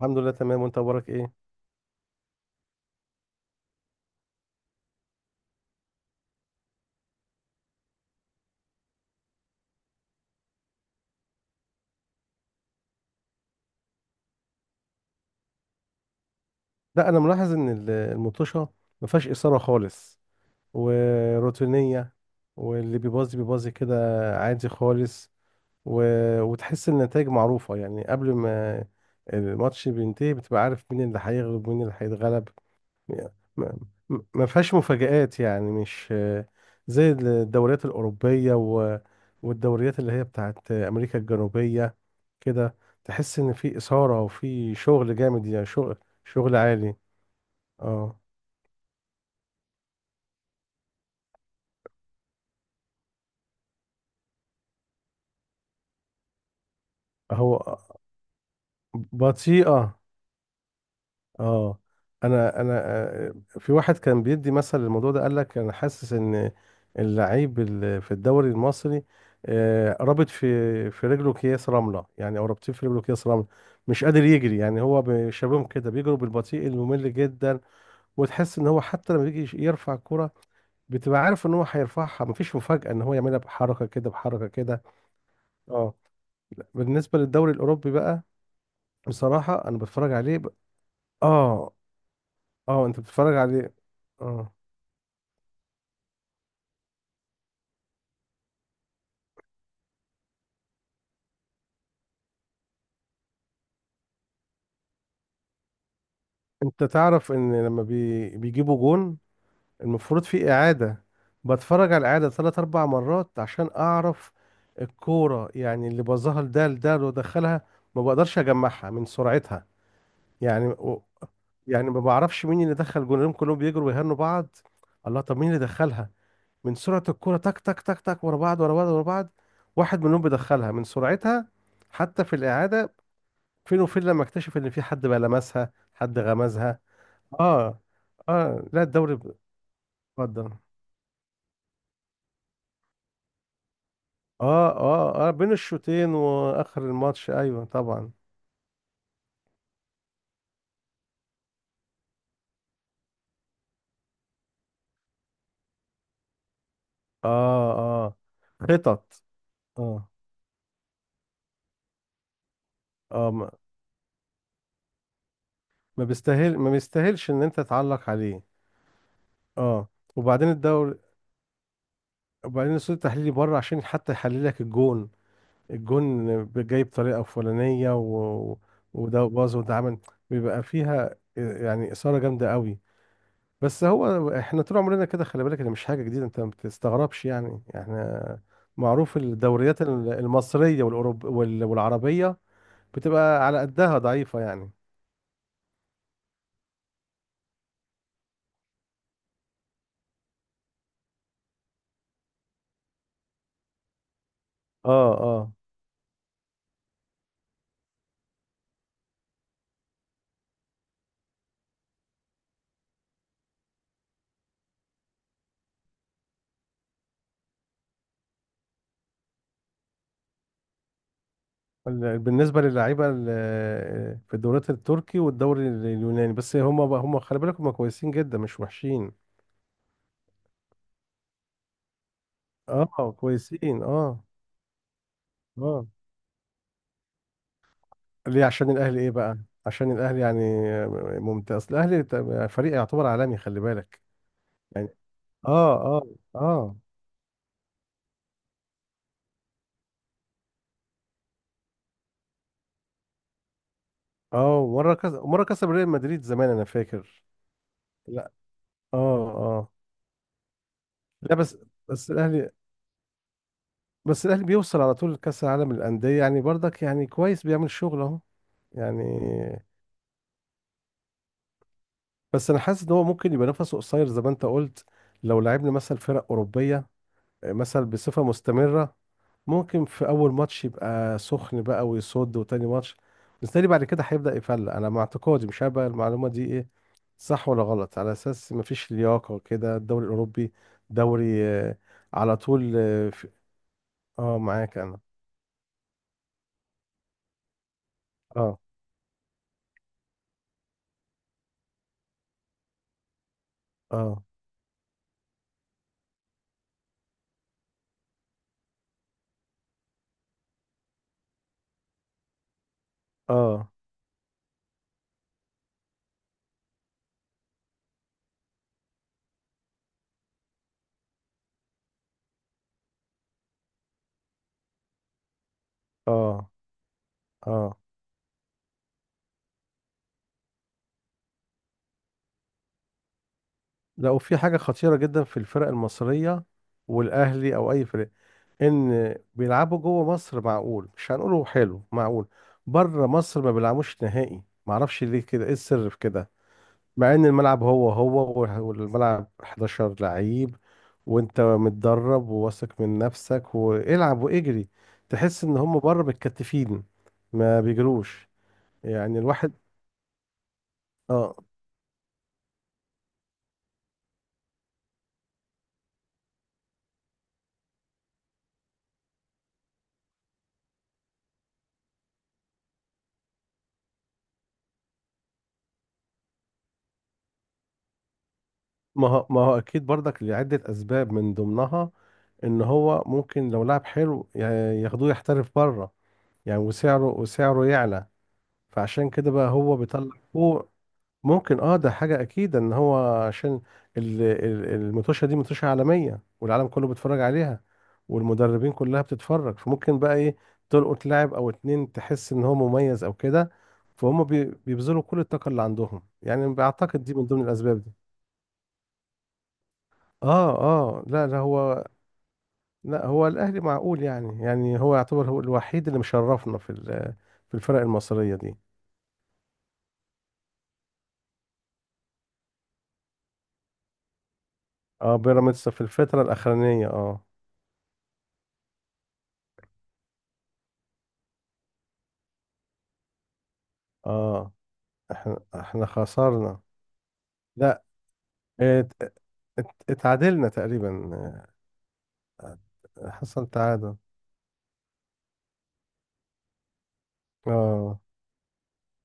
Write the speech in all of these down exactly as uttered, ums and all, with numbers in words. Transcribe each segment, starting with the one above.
الحمد لله، تمام. وانت اخبارك ايه؟ لا، انا ملاحظ ان ال- المطوشه ما فيهاش اثاره خالص وروتينيه. واللي بيبازي بيبازي كده عادي خالص. و... وتحس النتائج معروفه، يعني قبل ما الماتش بينتهي بتبقى عارف مين اللي هيغلب ومين اللي هيتغلب. يعني ما ما- ما فيهاش مفاجآت، يعني مش آه، زي الدوريات الأوروبية و- والدوريات اللي هي بتاعت آه، أمريكا الجنوبية كده. تحس إن في إثارة وفي شغل جامد، يعني شغل شغل عالي. اه. هو بطيئة. اه. انا انا آه، في واحد كان بيدي مثل الموضوع ده، قال لك انا حاسس ان اللعيب ال- في الدوري المصري آه، رابط في في رجله اكياس رمله، يعني او رابطين في رجله اكياس رمله. مش قادر يجري، يعني هو ب- شبههم كده بيجروا بالبطيء الممل جدا. وتحس ان هو حتى لما بيجي يرفع الكره بتبقى عارف ان هو هيرفعها، مفيش مفاجاه ان هو يعملها بحركه كده بحركه كده. اه. لا، بالنسبه للدوري الاوروبي بقى، بصراحه انا بتفرج عليه ب... اه، اه، انت بتتفرج عليه. اه، انت تعرف ان لما بي... بيجيبوا جون المفروض في اعادة. بتفرج على الاعادة ثلاث اربع مرات عشان اعرف الكورة، يعني اللي بظهر ده لده اللي دخلها ما بقدرش اجمعها من سرعتها. يعني و... يعني ما بعرفش مين اللي دخل جونهم، كلهم بيجروا ويهنوا بعض. الله، طب مين اللي دخلها؟ من سرعة الكورة تك تك تك تك، ورا بعض ورا بعض ورا بعض، واحد منهم بيدخلها من سرعتها. حتى في الاعادة فين وفين لما اكتشف ان في حد بقى لمسها، حد غمزها. اه. اه. لا، الدوري ب- اتفضل. اه، اه، اه، بين الشوطين واخر الماتش، ايوه طبعا. اه. اه. خطط. اه. اه. ما ما بيستاهل ما بيستاهلش ان انت تعلق عليه. اه. وبعدين الدوري، وبعدين الصوت التحليلي بره عشان حتى يحلل لك الجون. الجون جاي بطريقه فلانيه، و... وده باظ وده عمل. بيبقى فيها آه، يعني اثاره جامده قوي. بس هو احنا طول عمرنا كده، خلي بالك ده مش حاجة جديدة، انت ما بتستغربش يعني. احنا معروف الدوريات ال- المصرية والأوروب وال- والعربية بتبقى على قدها ضعيفة يعني. اه. اه. ال- بالنسبة للعيبة ال- في الدوريات التركي والدوري اليوناني، بس هم هم خلي بالك هم كويسين جدا مش وحشين. اه، كويسين. اه. اه. ليه؟ عشان الأهلي ايه بقى؟ عشان الأهلي يعني ممتاز. الأهلي فريق يعتبر عالمي خلي بالك يعني. اه. اه. اه. اه. مرة كس... مرة كسب ريال مدريد زمان انا فاكر. لا. اه. اه. لا بس بس الاهلي بس الاهلي بيوصل على طول لكأس العالم للأندية، يعني برضك يعني كويس بيعمل شغل اهو يعني. بس انا حاسس ان هو ممكن يبقى نفسه قصير زي ما انت قلت، لو لعبنا مثلا فرق أوروبية آه، مثلا بصفة مستمرة. ممكن في اول ماتش يبقى سخن بقى ويصد، وتاني ماتش بالتالي بعد كده هيبدأ يفلق. انا مع اعتقادي، مش عارف بقى المعلومة دي ايه، صح ولا غلط، على اساس مفيش لياقة كده. الدوري الاوروبي دوري آه، على طول. اه. في- آه، معاك انا. اه. اه. اه. اه. اه. لا، وفي حاجة خطيرة جدا في الفرق المصرية، والاهلي او اي فرق، ان بيلعبوا جوه مصر معقول، مش هنقوله حلو معقول، بره مصر ما بيلعبوش نهائي. معرفش ليه كده، ايه السر في كده؟ مع ان الملعب هو هو وال- والملعب حداشر لعيب، وانت متدرب وواثق من نفسك، والعب واجري. تحس ان هم بره متكتفين، ما بيجروش، يعني الواحد. اه. ما هو ما هو اكيد برضك لعدة اسباب، من ضمنها ان هو ممكن لو لعب حلو يا- ياخدوه يحترف بره يعني. وسعره وسعره يعلى، فعشان كده بقى هو بيطلع فوق. ممكن. اه، ده حاجة أكيد إن هو عشان ال- ال- المطوشة دي مطوشة عالمية، والعالم كله بيتفرج عليها، والمدربين كلها بتتفرج، فممكن بقى إيه، تلقط لاعب أو اتنين تحس إن هو مميز أو كده. فهم بي- بيبذلوا كل الطاقة اللي عندهم، يعني بعتقد دي من ضمن الأسباب دي. اه. اه. لا، لا، هو، لا، هو الأهلي معقول يعني يعني هو يعتبر هو الوحيد اللي مشرفنا في ال- في الفرق المصرية دي. اه، بيراميدز في الفترة الأخرانية اه. اه. احنا احنا خسرنا. لا. ات... ات... اتعادلنا تقريبا. آه، حصل تعادل. اه،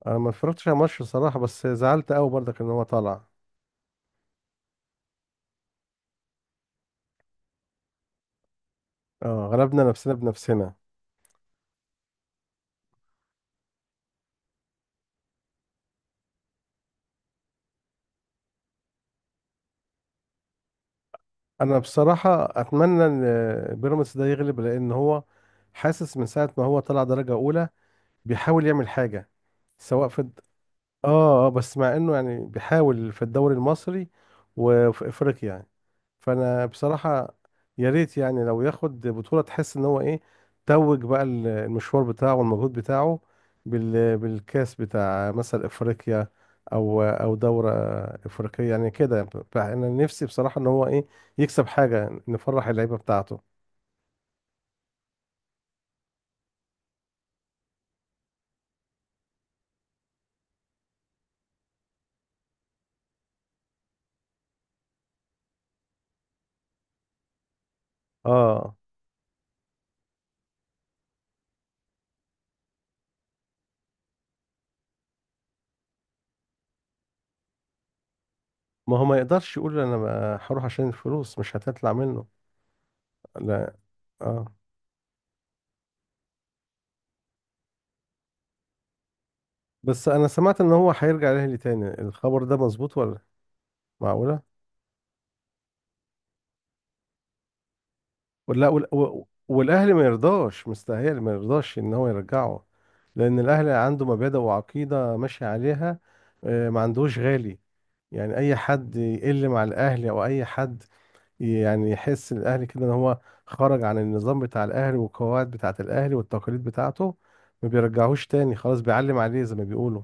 انا ما اتفرجتش على الماتش بصراحة، بس زعلت قوي برضك ان هو طلع. اه، غلبنا نفسنا بنفسنا. انا بصراحة اتمنى ان آه، بيراميدز ده يغلب، لان هو حاسس من ساعة ما هو طلع درجة اولى بيحاول يعمل حاجة، سواء في. اه. اه. بس مع انه يعني بيحاول في الدوري المصري وفي افريقيا يعني. فانا بصراحة يا ريت يعني لو ياخد بطولة، تحس ان هو ايه، توج بقى ال- المشوار بتاعه والمجهود بتاعه بال بالكاس بتاع مثلا افريقيا، او او دورة افريقية يعني. كده ب- انا نفسي بصراحة ان هو ايه، يكسب حاجة نفرح اللعيبة بتاعته. اه. ما هو ما يقدرش يقول انا ما هروح عشان الفلوس مش هتطلع منه. لا. اه. بس انا سمعت ان هو هيرجع الاهلي تاني، الخبر ده مظبوط ولا؟ معقوله؟ ولا وال- و- والاهلي ما يرضاش، مستاهل ما يرضاش ان هو يرجعه. لان الاهلي عنده مبادئ وعقيده ماشي عليها، آه، ما عندوش غالي يعني. اي حد يقل مع الاهلي او اي حد يعني، يحس الاهلي كده ان هو خرج عن النظام بتاع الاهلي والقواعد بتاعه الاهلي والتقاليد بتاعته، ما بيرجعوش تاني خلاص، بيعلم عليه زي ما بيقولوا.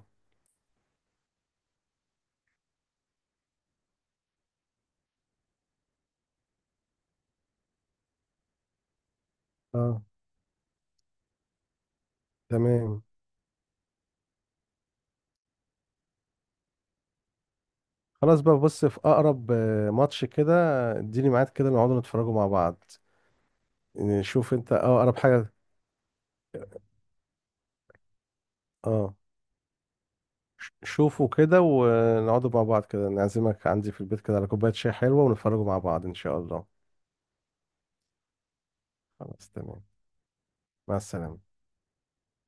اه. تمام. خلاص بقى، بص في اقرب آه، ماتش كده، اديني ميعاد كده نقعد نتفرجوا مع بعض. نشوف انت اه اقرب حاجه. اه. ش- شوفوا كده ونقعدوا مع بعض كده، نعزمك عندي في البيت كده على كوبايه شاي حلوه، ونتفرجوا مع بعض ان شاء الله. خلاص تمام. مع السلامه.